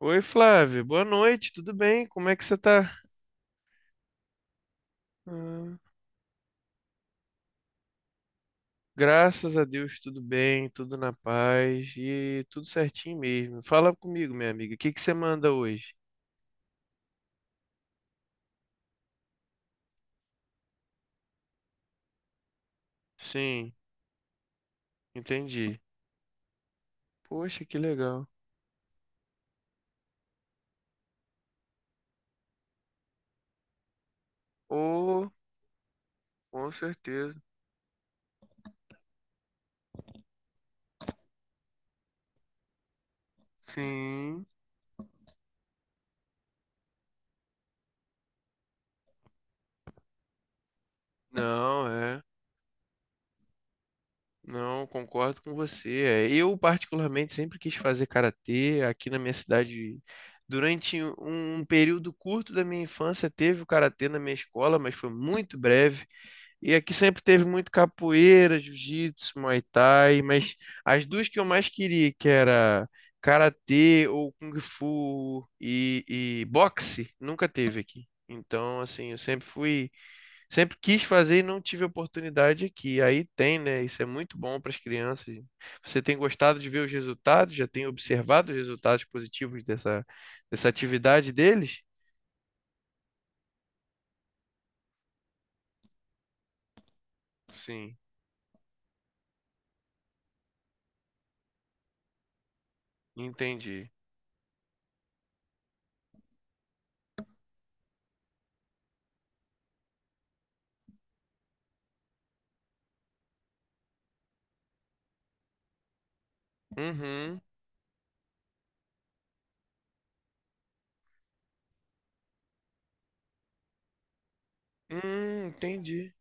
Oi, Flávia, boa noite, tudo bem? Como é que você tá? Ah, graças a Deus, tudo bem, tudo na paz e tudo certinho mesmo. Fala comigo, minha amiga, o que que você manda hoje? Sim, entendi. Poxa, que legal. Oh, com certeza. Sim, não, é. Não, concordo com você. É, eu, particularmente, sempre quis fazer karatê aqui na minha cidade. Durante um período curto da minha infância, teve o karatê na minha escola, mas foi muito breve. E aqui sempre teve muito capoeira, jiu-jitsu, muay thai, mas as duas que eu mais queria, que era karatê ou kung fu e boxe, nunca teve aqui. Então, assim, eu sempre fui. Sempre quis fazer e não tive oportunidade aqui. Aí tem, né? Isso é muito bom para as crianças. Você tem gostado de ver os resultados? Já tem observado os resultados positivos dessa atividade deles? Sim, entendi. Uhum. Entendi.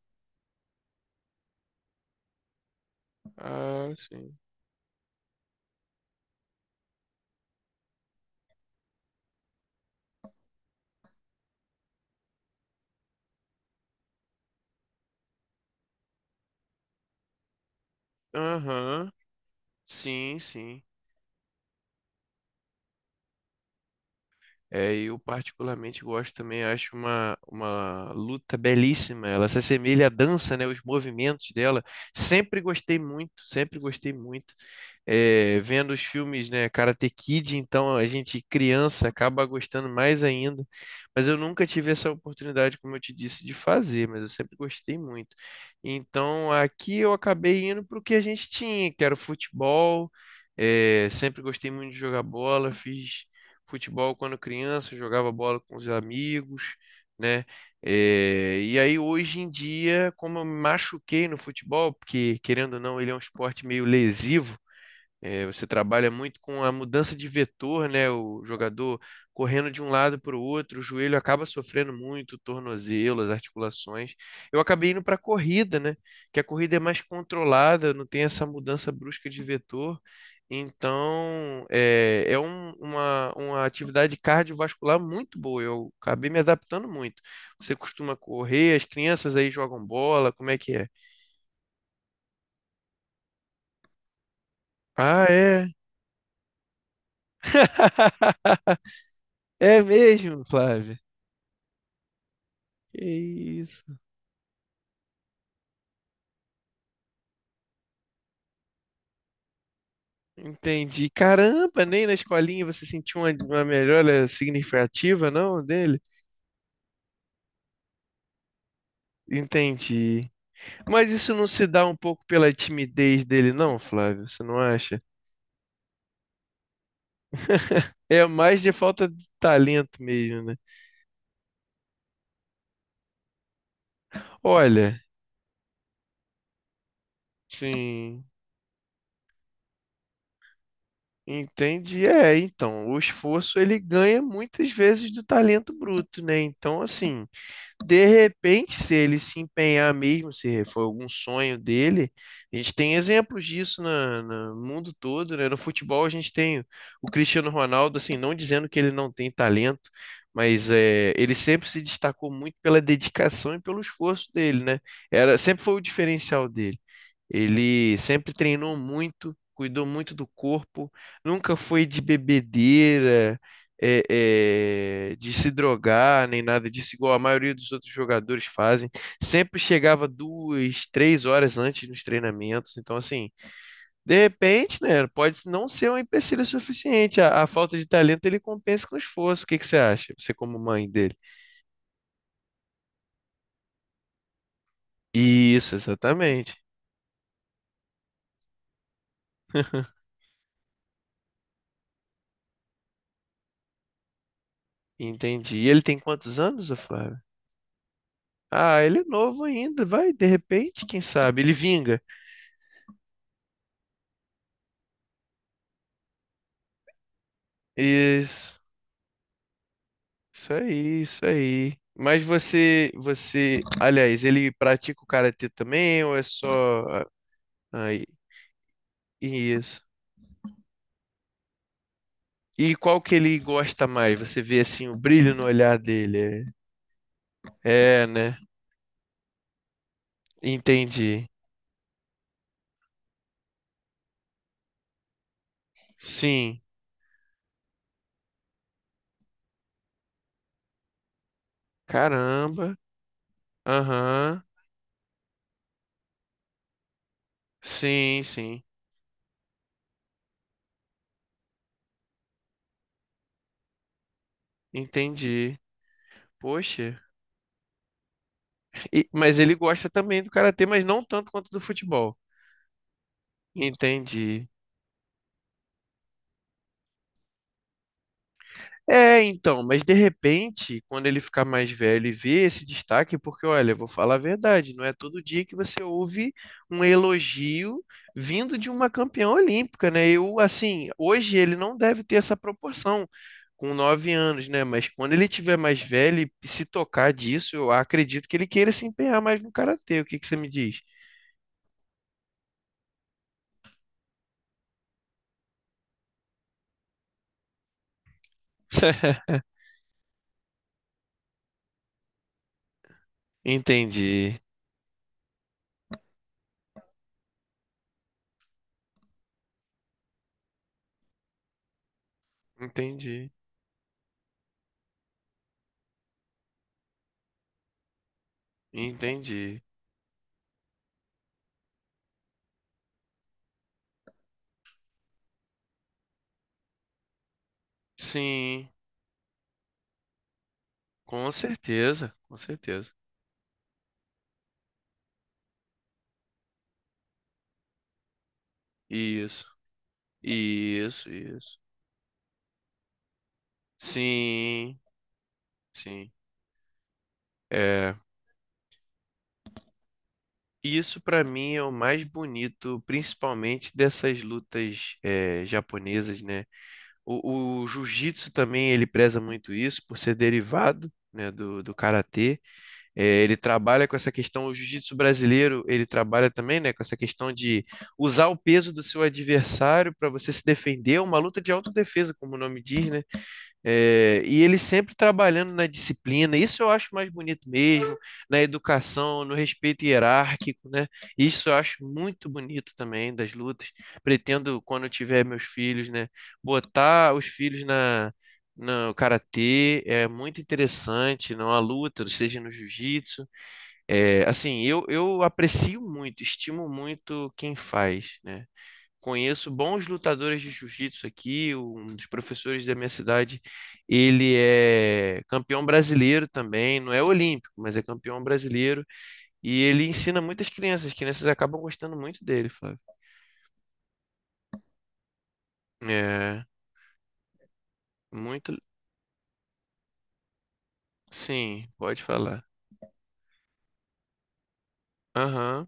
Ah, sim. Aham. Sim, sim. É, eu particularmente gosto também, acho uma luta belíssima. Ela se assemelha à dança, né? Os movimentos dela. Sempre gostei muito, sempre gostei muito. É, vendo os filmes, né? Karate Kid, então a gente criança acaba gostando mais ainda. Mas eu nunca tive essa oportunidade, como eu te disse, de fazer, mas eu sempre gostei muito. Então aqui eu acabei indo para o que a gente tinha, que era o futebol. É, sempre gostei muito de jogar bola, fiz futebol quando criança, jogava bola com os amigos, né? E aí hoje em dia, como eu me machuquei no futebol, porque querendo ou não, ele é um esporte meio lesivo, é, você trabalha muito com a mudança de vetor, né? O jogador correndo de um lado para o outro, o joelho acaba sofrendo muito, o tornozelo, as articulações. Eu acabei indo para a corrida, né? Que a corrida é mais controlada, não tem essa mudança brusca de vetor. Então, é, é uma atividade cardiovascular muito boa. Eu acabei me adaptando muito. Você costuma correr, as crianças aí jogam bola, como é que é? Ah, é. É mesmo, Flávio. Que isso. Entendi. Caramba, nem na escolinha você sentiu uma melhora significativa, não, dele? Entendi. Mas isso não se dá um pouco pela timidez dele, não, Flávio? Você não acha? É mais de falta de talento mesmo, né? Olha, sim, entendi. É, então, o esforço ele ganha muitas vezes do talento bruto, né? Então, assim. De repente, se ele se empenhar mesmo, se for algum sonho dele, a gente tem exemplos disso no mundo todo, né? No futebol a gente tem o Cristiano Ronaldo, assim, não dizendo que ele não tem talento, mas é, ele sempre se destacou muito pela dedicação e pelo esforço dele, né? Era, sempre foi o diferencial dele. Ele sempre treinou muito, cuidou muito do corpo, nunca foi de bebedeira, é, é, de se drogar, nem nada disso, igual a maioria dos outros jogadores fazem. Sempre chegava duas, três horas antes nos treinamentos. Então, assim, de repente, né, pode não ser um empecilho suficiente. A falta de talento ele compensa com esforço. O que que você acha? Você, como mãe dele? Isso, exatamente. Entendi. E ele tem quantos anos, ô Flávio? Ah, ele é novo ainda, vai, de repente, quem sabe, ele vinga. Isso, isso aí, isso aí. Mas você, você, aliás, ele pratica o karatê também ou é só ah, aí, isso? E qual que ele gosta mais? Você vê assim o brilho no olhar dele. É, é, né? Entendi. Sim. Caramba. Aham. Sim, sim. Entendi. Poxa. Mas ele gosta também do karatê, mas não tanto quanto do futebol. Entendi. É, então, mas de repente, quando ele ficar mais velho e ver esse destaque, porque olha, eu vou falar a verdade, não é todo dia que você ouve um elogio vindo de uma campeã olímpica, né? Eu, assim, hoje ele não deve ter essa proporção com 9 anos, né? Mas quando ele tiver mais velho e se tocar disso, eu acredito que ele queira se empenhar mais no karatê. O que que você me diz? Entendi, entendi, entendi. Sim. Com certeza, com certeza. Isso, isso, isso. Sim, sim. É, isso pra mim é o mais bonito, principalmente dessas lutas é, japonesas, né? O jiu-jitsu também ele preza muito isso por ser derivado, né, do karatê. É, ele trabalha com essa questão, o jiu-jitsu brasileiro ele trabalha também, né, com essa questão de usar o peso do seu adversário para você se defender, uma luta de autodefesa, como o nome diz, né? É, e ele sempre trabalhando na disciplina, isso eu acho mais bonito mesmo, na educação, no respeito hierárquico, né? Isso eu acho muito bonito também das lutas. Pretendo, quando eu tiver meus filhos, né, botar os filhos na, no karatê, é muito interessante, na luta, seja no jiu-jitsu. É, assim, eu aprecio muito, estimo muito quem faz, né? Conheço bons lutadores de jiu-jitsu aqui, um dos professores da minha cidade, ele é campeão brasileiro também, não é olímpico, mas é campeão brasileiro, e ele ensina muitas crianças, as crianças acabam gostando muito dele, Flávio. É, muito, sim, pode falar. Aham,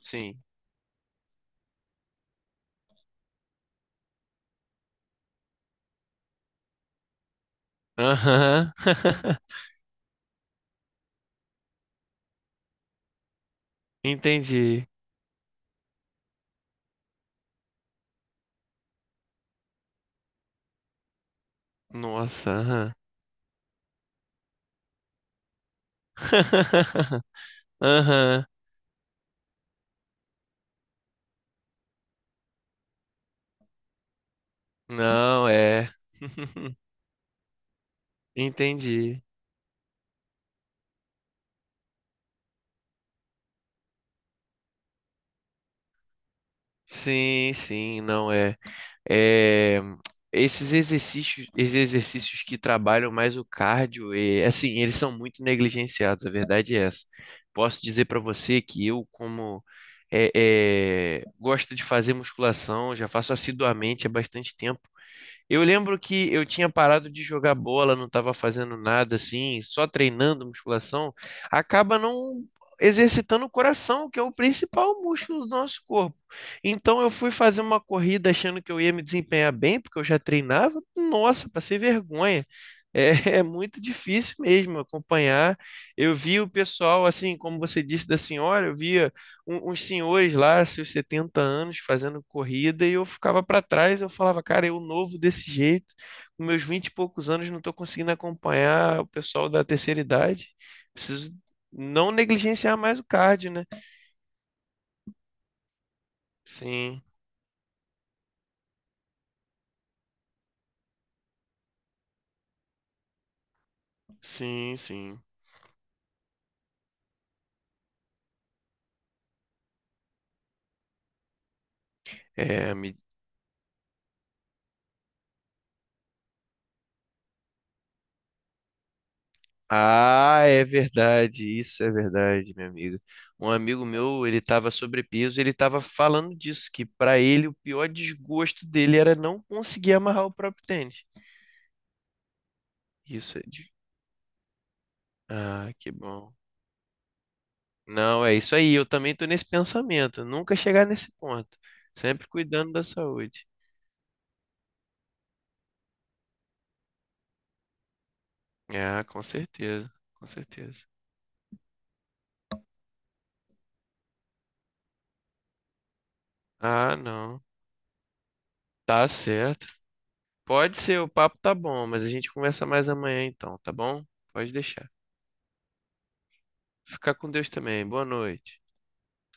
sim. Aham. Entendi. Nossa, aham. Aham. Não é. Entendi. Sim, sim, não é. É, esses exercícios que trabalham mais o cardio, e, assim, eles são muito negligenciados, a verdade é essa. Posso dizer para você que eu, como é, é, gosto de fazer musculação, já faço assiduamente há bastante tempo, eu lembro que eu tinha parado de jogar bola, não estava fazendo nada assim, só treinando musculação, acaba não exercitando o coração, que é o principal músculo do nosso corpo. Então eu fui fazer uma corrida achando que eu ia me desempenhar bem, porque eu já treinava. Nossa, passei vergonha. É, é muito difícil mesmo acompanhar. Eu vi o pessoal, assim, como você disse da senhora, eu via uns senhores lá, seus 70 anos, fazendo corrida, e eu ficava para trás, eu falava, cara, eu novo desse jeito, com meus 20 e poucos anos, não estou conseguindo acompanhar o pessoal da terceira idade. Preciso não negligenciar mais o cardio, né? Sim, sim, sim. É, me... Ah, é verdade, isso é verdade, minha amiga. Um amigo meu, ele estava sobrepeso, ele estava falando disso, que para ele o pior desgosto dele era não conseguir amarrar o próprio tênis. Isso é. Que bom. Não, é isso aí. Eu também tô nesse pensamento. Nunca chegar nesse ponto. Sempre cuidando da saúde. Ah, com certeza. Com certeza. Ah, não. Tá certo. Pode ser, o papo tá bom, mas a gente conversa mais amanhã então, tá bom? Pode deixar. Fica com Deus também. Boa noite.